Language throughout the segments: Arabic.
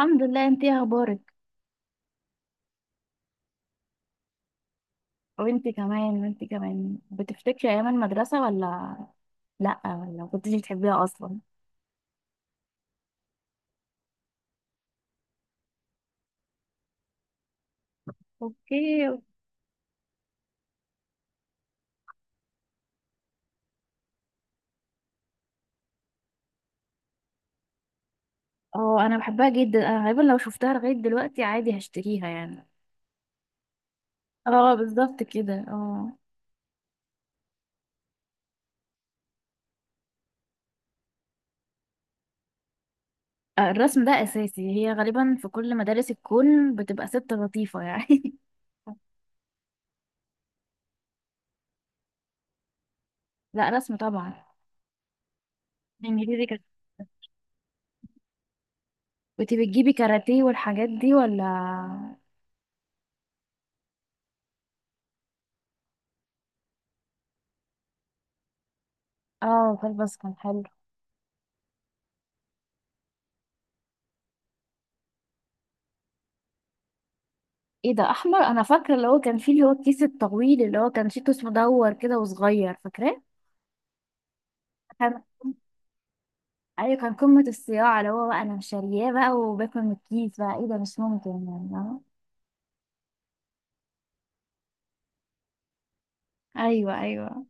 الحمد لله. انت ايه اخبارك؟ وانت كمان وانت كمان بتفتكري ايام المدرسه ولا؟ لا ولا كنتي بتحبيها اصلا؟ اوكي. اه انا بحبها جدا، انا غالبا لو شفتها لغايه دلوقتي عادي هشتريها يعني. اه بالظبط كده، اه. الرسم ده اساسي، هي غالبا في كل مدارس الكون بتبقى ست لطيفه يعني. لا، رسم طبعا. انجليزي كانت كنت بتجيبي كاراتيه والحاجات دي ولا؟ اه كلبس كان حلو. ايه ده، احمر؟ انا فاكره اللي هو كان فيه، اللي هو الكيس الطويل اللي هو كان شيتوس مدور كده وصغير، فاكراه؟ كان. ايوه كان قمه الصياعه، اللي هو بقى انا شارياه بقى وباكل من الكيس بقى، ايه ده مش ممكن يعني، فاهمة؟ ايوه ايوه.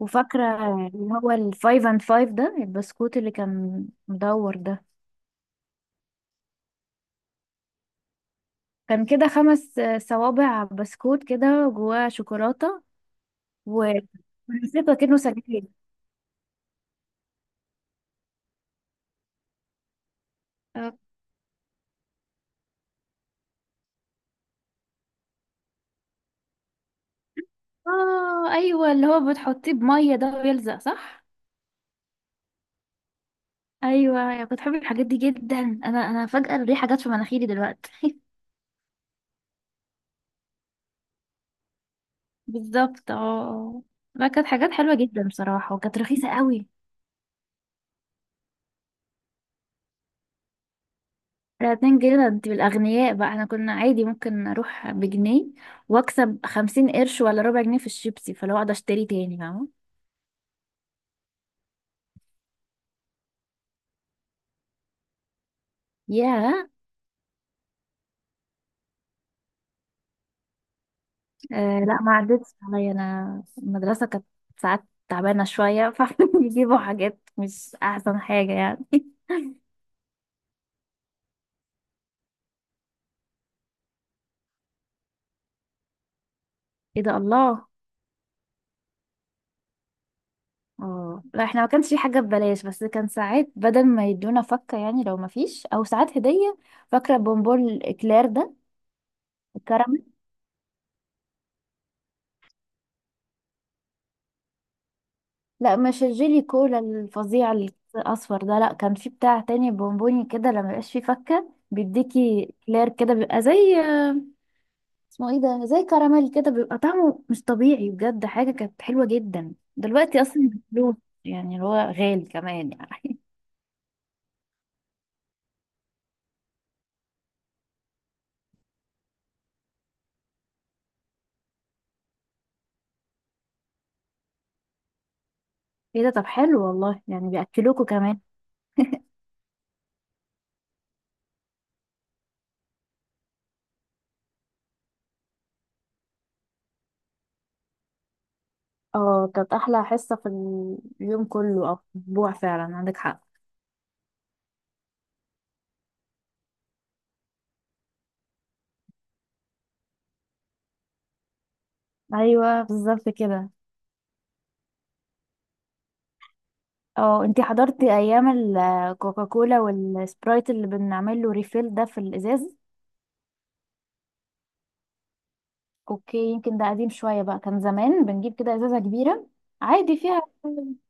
وفاكره اللي هو الفايف اند فايف ده، البسكوت اللي كان مدور ده؟ كان كده خمس صوابع بسكوت كده جواه شوكولاته. ونسيته كأنه سجاير. آه، اه ايوه، اللي هو بتحطيه بميه ده، ويلزق، صح؟ ايوه، يا كنت بحب الحاجات دي جدا، انا فجأة الريحة جت في مناخيري دلوقتي. بالظبط اه. ما كانت حاجات حلوة جدا بصراحة، وكانت رخيصة قوي. ده 2 جنيه؟ ده انت بالاغنياء بقى، احنا كنا عادي ممكن اروح بجنيه واكسب 50 قرش ولا ربع جنيه في الشيبسي، فلو اقعد اشتري تاني، فاهمة؟ ياه. آه لا، ما عدتش عليا، انا المدرسة كانت ساعات تعبانة شوية فبيجيبوا حاجات مش احسن حاجة يعني. ايه ده، الله! اه لا، احنا ما كانش في حاجة ببلاش، بس كان ساعات بدل ما يدونا فكة يعني لو ما فيش، او ساعات هدية. فاكرة بونبون الاكلير ده؟ الكراميل؟ لا مش الجيلي كولا الفظيع الاصفر ده، لا كان في بتاع تاني بونبوني كده لما يبقاش فيه فكة بيديكي كلير كده، بيبقى زي، اسمه ايه ده، زي كراميل كده، بيبقى طعمه مش طبيعي بجد، حاجة كانت حلوة جدا دلوقتي اصلا بفلوس، يعني اللي هو غالي كمان يعني. ايه ده، طب حلو والله، يعني بيأكلوكوا كمان. اه، كانت احلى حصة في اليوم كله او في الاسبوع فعلا، عندك حق. ايوه بالظبط كده. اه انتي حضرتي ايام الكوكاكولا والسبرايت اللي بنعمل له ريفيل ده في الازاز؟ اوكي، يمكن ده قديم شوية بقى، كان زمان بنجيب كده ازازة كبيرة عادي فيها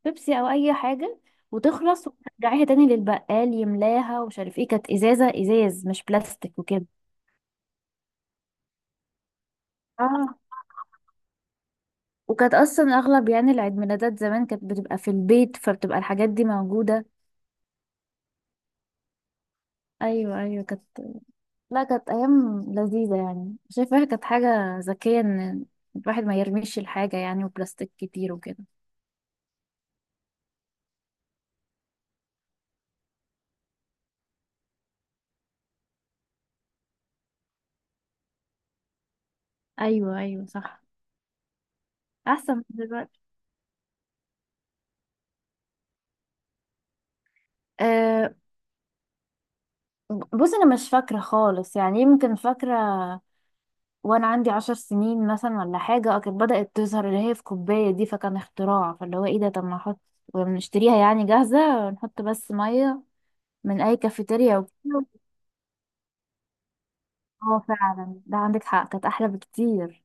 بيبسي او اي حاجة، وتخلص وترجعيها تاني للبقال يملاها ومش عارف ايه، كانت ازازة ازاز مش بلاستيك وكده. اه. وكانت اصلا اغلب يعني العيد ميلادات زمان كانت بتبقى في البيت، فبتبقى الحاجات دي موجودة. ايوه ايوه كانت. لا كانت ايام لذيذه يعني، شايفاها كانت حاجه ذكيه ان الواحد ما يرميش الحاجه يعني، وبلاستيك كتير وكده. ايوه ايوه صح. احسن من دلوقتي. أه. بص انا مش فاكره خالص يعني، يمكن فاكره وانا عندي 10 سنين مثلا ولا حاجه. كانت بدات تظهر اللي هي في كوبايه دي، فكان اختراع، فاللي هو ايه ده، طب ما نحط ونشتريها يعني جاهزه، ونحط بس ميه من اي كافيتيريا وكده. اه فعلا ده عندك حق، كانت احلى بكتير.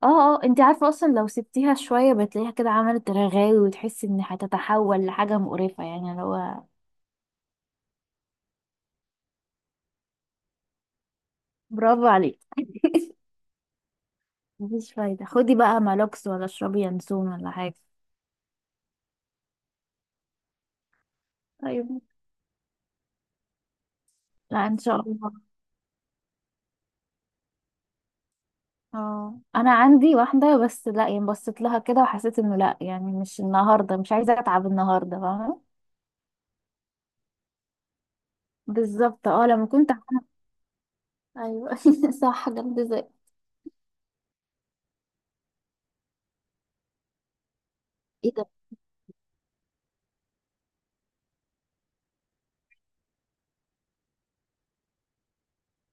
اه اه، انت عارفة اصلا لو سبتيها شوية بتلاقيها كده عملت رغاوي، وتحسي ان هتتحول لحاجة مقرفة يعني اللي هو. برافو عليك. مفيش فايدة، خدي بقى مالوكس ولا اشربي ينسون ولا حاجة. ايوه. لا ان شاء الله. اه انا عندي واحدة بس، لا يعني بصيت لها كده وحسيت انه لا، يعني مش النهاردة، مش عايزة اتعب النهاردة، فاهمة؟ بالظبط اه، لما كنت ايوه. صح، جنب زي. ايه ده.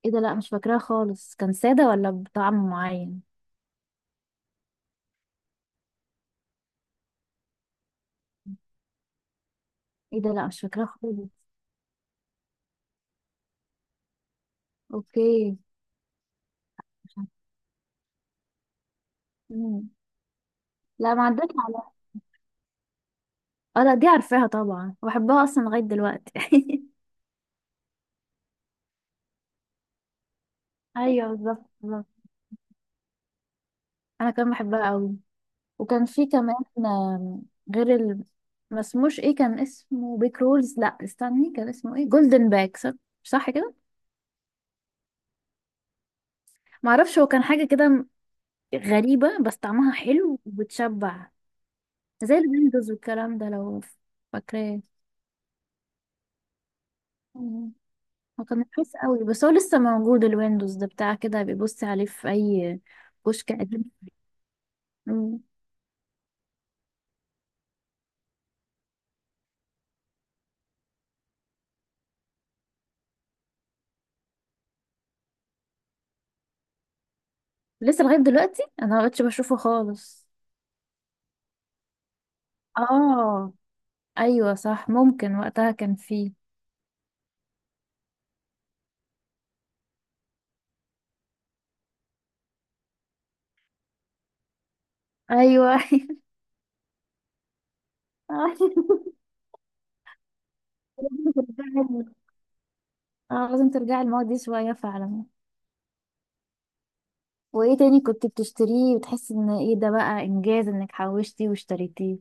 ايه ده، لا مش فاكراها خالص، كان سادة ولا بطعم معين؟ ايه ده، لا مش فاكراها خالص. اوكي. مم. لا ما عدتش على. اه لا، دي عارفاها طبعا وبحبها اصلا لغايه دلوقتي. ايوه بالظبط بالظبط. انا كمان بحبها قوي. وكان في كمان غير ال... ما اسموش ايه، كان اسمه بيك رولز، لا استني كان اسمه ايه، جولدن باك، صح، صح كده. ما اعرفش، هو كان حاجه كده غريبه، بس طعمها حلو وبتشبع، زي الويندوز والكلام ده، لو فاكراه. مم. هو كان رخيص قوي، بس هو لسه موجود الويندوز ده، بتاع كده بيبص عليه في اي كشك قديم. مم. لسه لغاية دلوقتي انا ما بقتش بشوفه خالص. اه ايوه صح، ممكن وقتها كان فيه. ايوه. لازم ترجعي. اه لازم ترجعي الماضي دي شوية فعلا. وايه تاني كنت بتشتريه وتحسي ان ايه ده بقى انجاز انك حوشتي واشتريتيه؟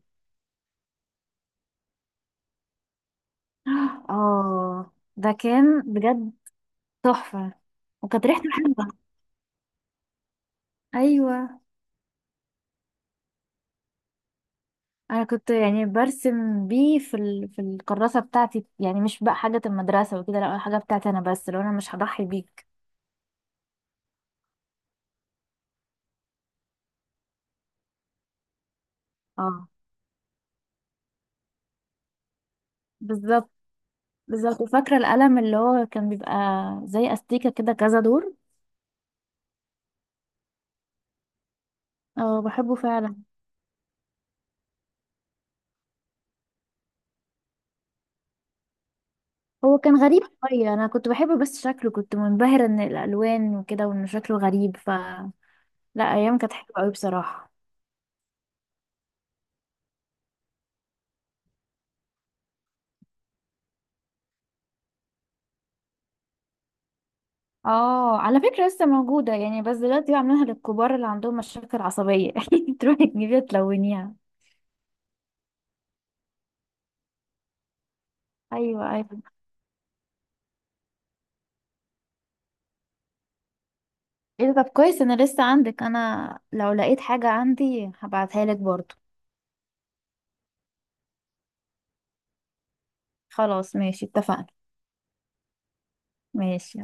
اه، ده كان بجد تحفة. وكانت ريحته حلوة. ايوه. انا كنت يعني برسم بيه في في الكراسه بتاعتي يعني، مش بقى حاجه المدرسه وكده، لا حاجه بتاعتي انا بس، لو انا مش هضحي بيك. اه بالظبط بالظبط. وفاكره القلم اللي هو كان بيبقى زي استيكه كده، كذا دور. اه بحبه فعلا. هو كان غريب شويه، انا كنت بحبه بس شكله كنت منبهره ان الالوان وكده، وان شكله غريب، لا ايام كانت حلوه قوي بصراحه. اه على فكره لسه موجوده يعني، بس دلوقتي بعملها للكبار اللي عندهم مشاكل عصبيه، تروحي تجيبيها تلونيها. ايوه ايوه، ايه ده طب كويس، انا لسه عندك، انا لو لقيت حاجة عندي هبعتها لك برضو. خلاص ماشي اتفقنا. ماشي.